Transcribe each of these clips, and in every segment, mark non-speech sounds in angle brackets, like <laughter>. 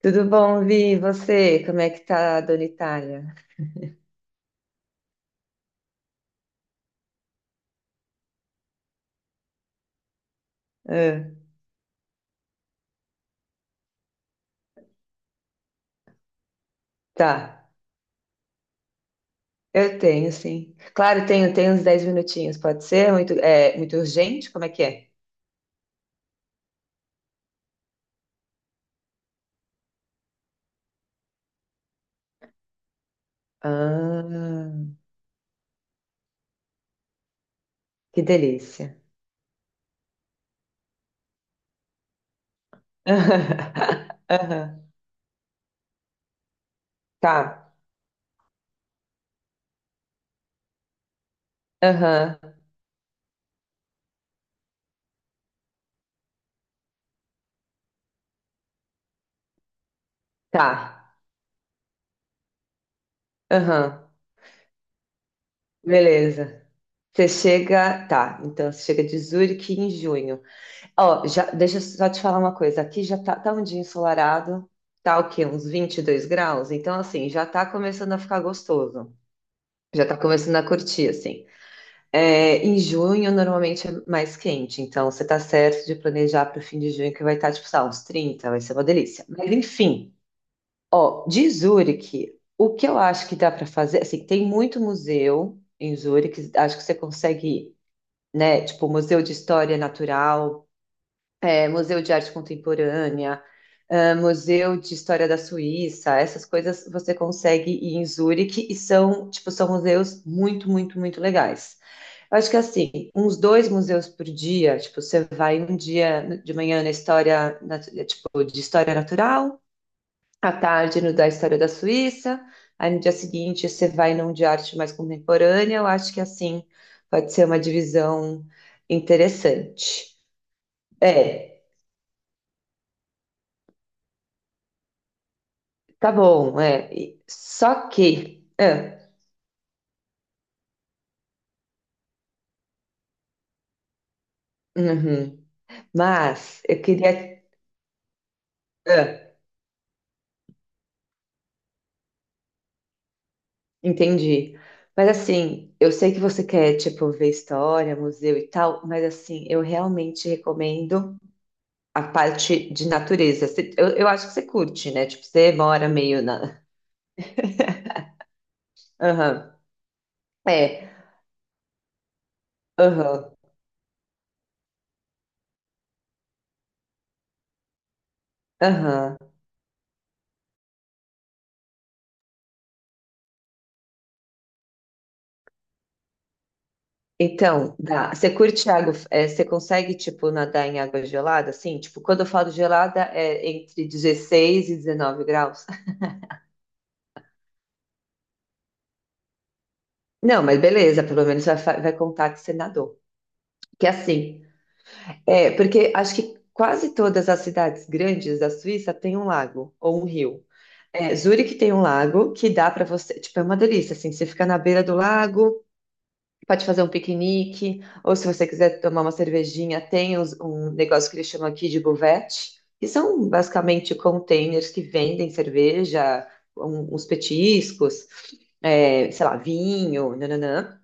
Tudo bom, Vi? E você? Como é que tá, Dona Itália? Ah, tá, eu tenho, sim. Claro, tenho uns 10 minutinhos, pode ser? Muito urgente? Como é que é? Ah, que delícia. <laughs> Aham. Tá, aham, tá, aham, beleza. Tá, então você chega de Zurique em junho. Ó, já, deixa eu só te falar uma coisa. Aqui já tá um dia ensolarado, tá o quê? Uns 22 graus? Então, assim, já tá começando a ficar gostoso. Já tá começando a curtir, assim. É, em junho, normalmente é mais quente, então você tá certo de planejar para o fim de junho, que vai estar, tipo, sei lá, uns 30, vai ser uma delícia. Mas, enfim, ó, de Zurique, o que eu acho que dá para fazer, assim, tem muito museu em Zurique, acho que você consegue, né? Tipo, Museu de História Natural, é, Museu de Arte Contemporânea, ah, Museu de História da Suíça, essas coisas você consegue ir em Zurique e são, tipo, são museus muito, muito, muito legais. Eu acho que assim, uns dois museus por dia, tipo, você vai um dia de manhã na história, tipo, de história natural, à tarde no da história da Suíça, aí no dia seguinte você vai num de arte mais contemporânea, eu acho que assim pode ser uma divisão interessante. É, tá bom, é. Só que. Ah, uhum. Mas eu queria. Ah, entendi. Mas assim, eu sei que você quer, tipo, ver história, museu e tal, mas assim, eu realmente recomendo a parte de natureza. Eu acho que você curte, né? Tipo, você mora meio na. Aham. É. Aham. Aham. Então, dá. Você curte água, você consegue, tipo, nadar em água gelada? Assim, tipo, quando eu falo gelada, é entre 16 e 19 graus. Não, mas beleza, pelo menos vai contar que você nadou. Que é assim, porque acho que quase todas as cidades grandes da Suíça têm um lago ou um rio. É, Zurique tem um lago que dá para você, tipo, é uma delícia, assim, você fica na beira do lago, pode fazer um piquenique, ou se você quiser tomar uma cervejinha, tem um negócio que eles chamam aqui de buvette, que são basicamente containers que vendem cerveja, uns petiscos, sei lá, vinho, nananã.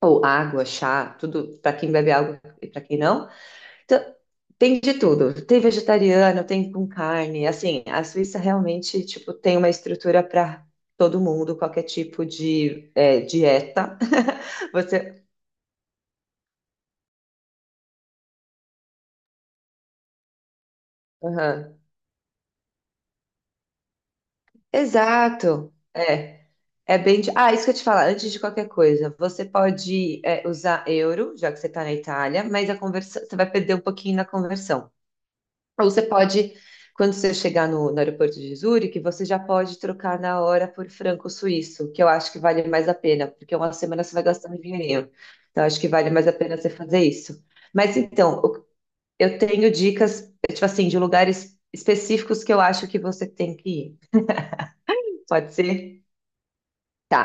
Ou água, chá, tudo para quem bebe água e para quem não. Então, tem de tudo. Tem vegetariano, tem com carne. Assim, a Suíça realmente tipo tem uma estrutura para todo mundo, qualquer tipo de dieta. <laughs> Você. Aham. Exato. É. É bem. Ah, isso que eu te falar, antes de qualquer coisa, você pode usar euro, já que você está na Itália, mas a conversa, você vai perder um pouquinho na conversão. Ou você pode, quando você chegar no aeroporto de Zurique, você já pode trocar na hora por franco suíço, que eu acho que vale mais a pena, porque uma semana você vai gastar um dinheirinho. Então, acho que vale mais a pena você fazer isso. Mas então, eu tenho dicas, tipo assim, de lugares específicos que eu acho que você tem que ir. Pode ser? Tá.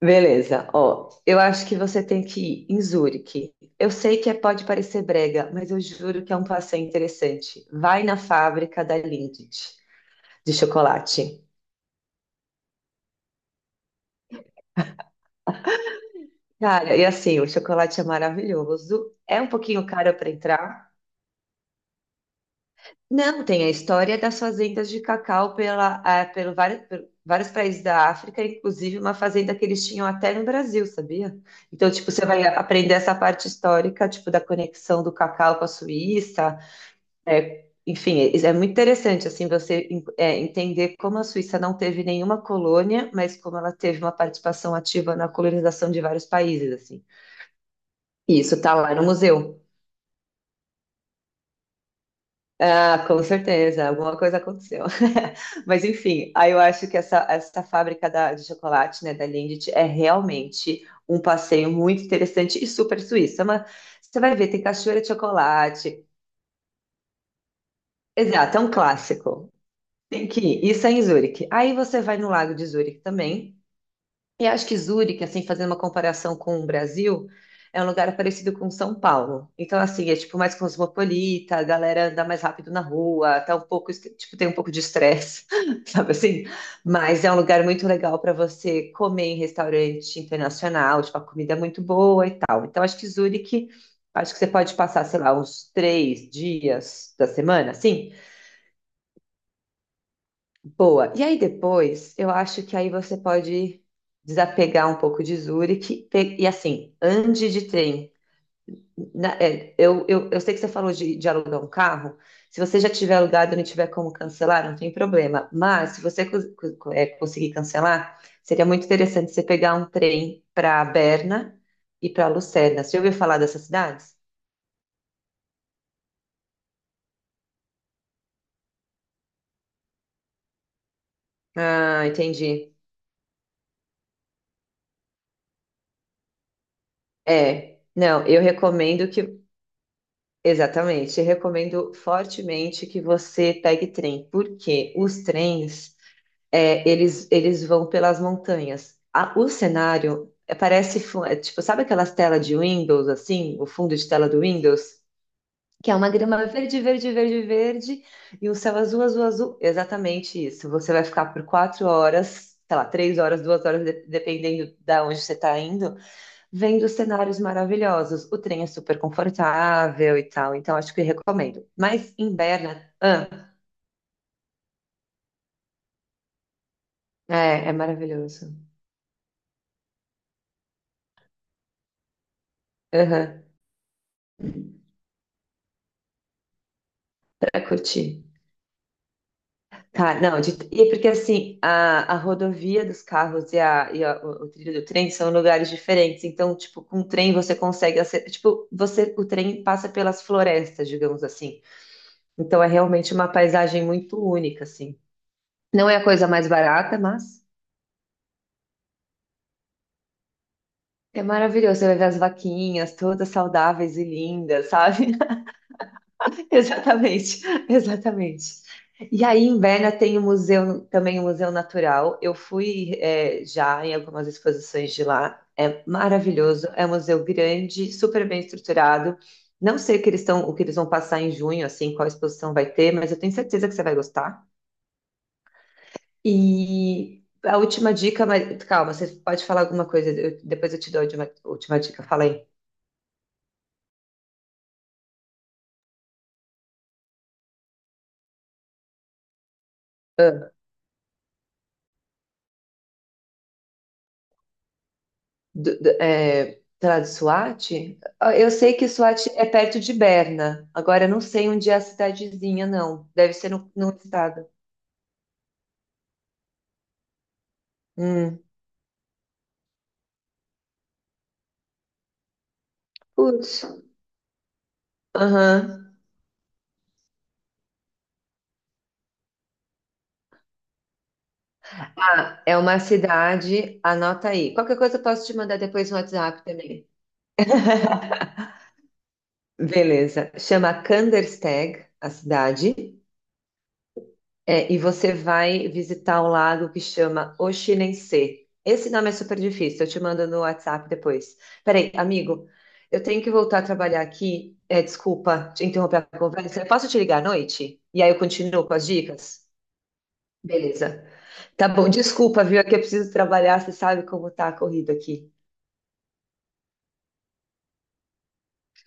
Beleza. Ó, eu acho que você tem que ir em Zurique. Eu sei que pode parecer brega, mas eu juro que é um passeio interessante. Vai na fábrica da Lindt, de chocolate. Cara, e assim, o chocolate é maravilhoso. É um pouquinho caro para entrar. Não, tem a história das fazendas de cacau pela, ah, por vários países da África, inclusive uma fazenda que eles tinham até no Brasil, sabia? Então, tipo, você vai aprender essa parte histórica, tipo, da conexão do cacau com a Suíça. É, enfim, é muito interessante, assim, você entender como a Suíça não teve nenhuma colônia, mas como ela teve uma participação ativa na colonização de vários países, assim. Isso, tá lá no museu. Ah, com certeza, alguma coisa aconteceu. <laughs> Mas enfim, aí eu acho que essa fábrica de chocolate, né, da Lindt, é realmente um passeio muito interessante e super suíço. É você vai ver, tem cachoeira de chocolate. Exato, é um clássico. Tem que ir. Isso é em Zurique. Aí você vai no Lago de Zurique também. E acho que Zurique, assim, fazendo uma comparação com o Brasil, é um lugar parecido com São Paulo. Então, assim, é tipo mais cosmopolita, a galera anda mais rápido na rua, tá um pouco, tipo, tem um pouco de estresse, <laughs> sabe assim? Mas é um lugar muito legal para você comer em restaurante internacional, tipo, a comida é muito boa e tal. Então, acho que Zurique, acho que você pode passar, sei lá, uns 3 dias da semana, assim. Boa. E aí depois, eu acho que aí você pode desapegar um pouco de Zurich e assim, ande de trem. Eu sei que você falou de alugar um carro. Se você já tiver alugado e não tiver como cancelar, não tem problema. Mas se você conseguir cancelar, seria muito interessante você pegar um trem para Berna e para Lucerna. Você já ouviu falar dessas cidades? Ah, entendi. É. Não, eu recomendo que. Exatamente. Recomendo fortemente que você pegue trem, porque os trens, eles vão pelas montanhas. O cenário parece, tipo, sabe aquelas telas de Windows, assim, o fundo de tela do Windows? Que é uma grama verde, verde, verde, verde, e um céu azul, azul, azul. Exatamente isso. Você vai ficar por 4 horas, sei lá, 3 horas, 2 horas, dependendo da onde você está indo. Vendo cenários maravilhosos. O trem é super confortável e tal, então acho que recomendo. Mas em Berna, ah, é maravilhoso. Aham, pra curtir. Tá, não, e porque assim, a rodovia dos carros e o trilho do trem são lugares diferentes. Então, tipo, com o trem você consegue, tipo, você, o trem passa pelas florestas, digamos assim. Então é realmente uma paisagem muito única, assim. Não é a coisa mais barata, mas é maravilhoso, você vai ver as vaquinhas todas saudáveis e lindas, sabe? <laughs> Exatamente, exatamente. E aí em Berna tem o museu, também o Museu Natural. Eu fui, já em algumas exposições de lá. É maravilhoso, é um museu grande, super bem estruturado. Não sei o que eles estão, o que eles vão passar em junho, assim, qual exposição vai ter, mas eu tenho certeza que você vai gostar. E a última dica, mas calma, você pode falar alguma coisa, depois eu te dou a última, última dica, fala aí. Sei lá, de Suate? Ah, eu sei que Suate é perto de Berna. Agora, eu não sei onde é a cidadezinha, não. Deve ser no estado. Hum. Putz. Aham. Ah, é uma cidade. Anota aí. Qualquer coisa eu posso te mandar depois no WhatsApp também. <laughs> Beleza. Chama Kandersteg, a cidade. É, e você vai visitar um lago que chama Oxinense. Esse nome é super difícil, eu te mando no WhatsApp depois. Peraí, amigo, eu tenho que voltar a trabalhar aqui. É, desculpa te interromper a conversa. Eu posso te ligar à noite? E aí eu continuo com as dicas? Beleza. Tá bom, desculpa, viu? É que eu preciso trabalhar, você sabe como tá a corrida aqui.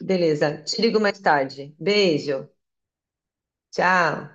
Beleza, te ligo mais tarde. Beijo, tchau.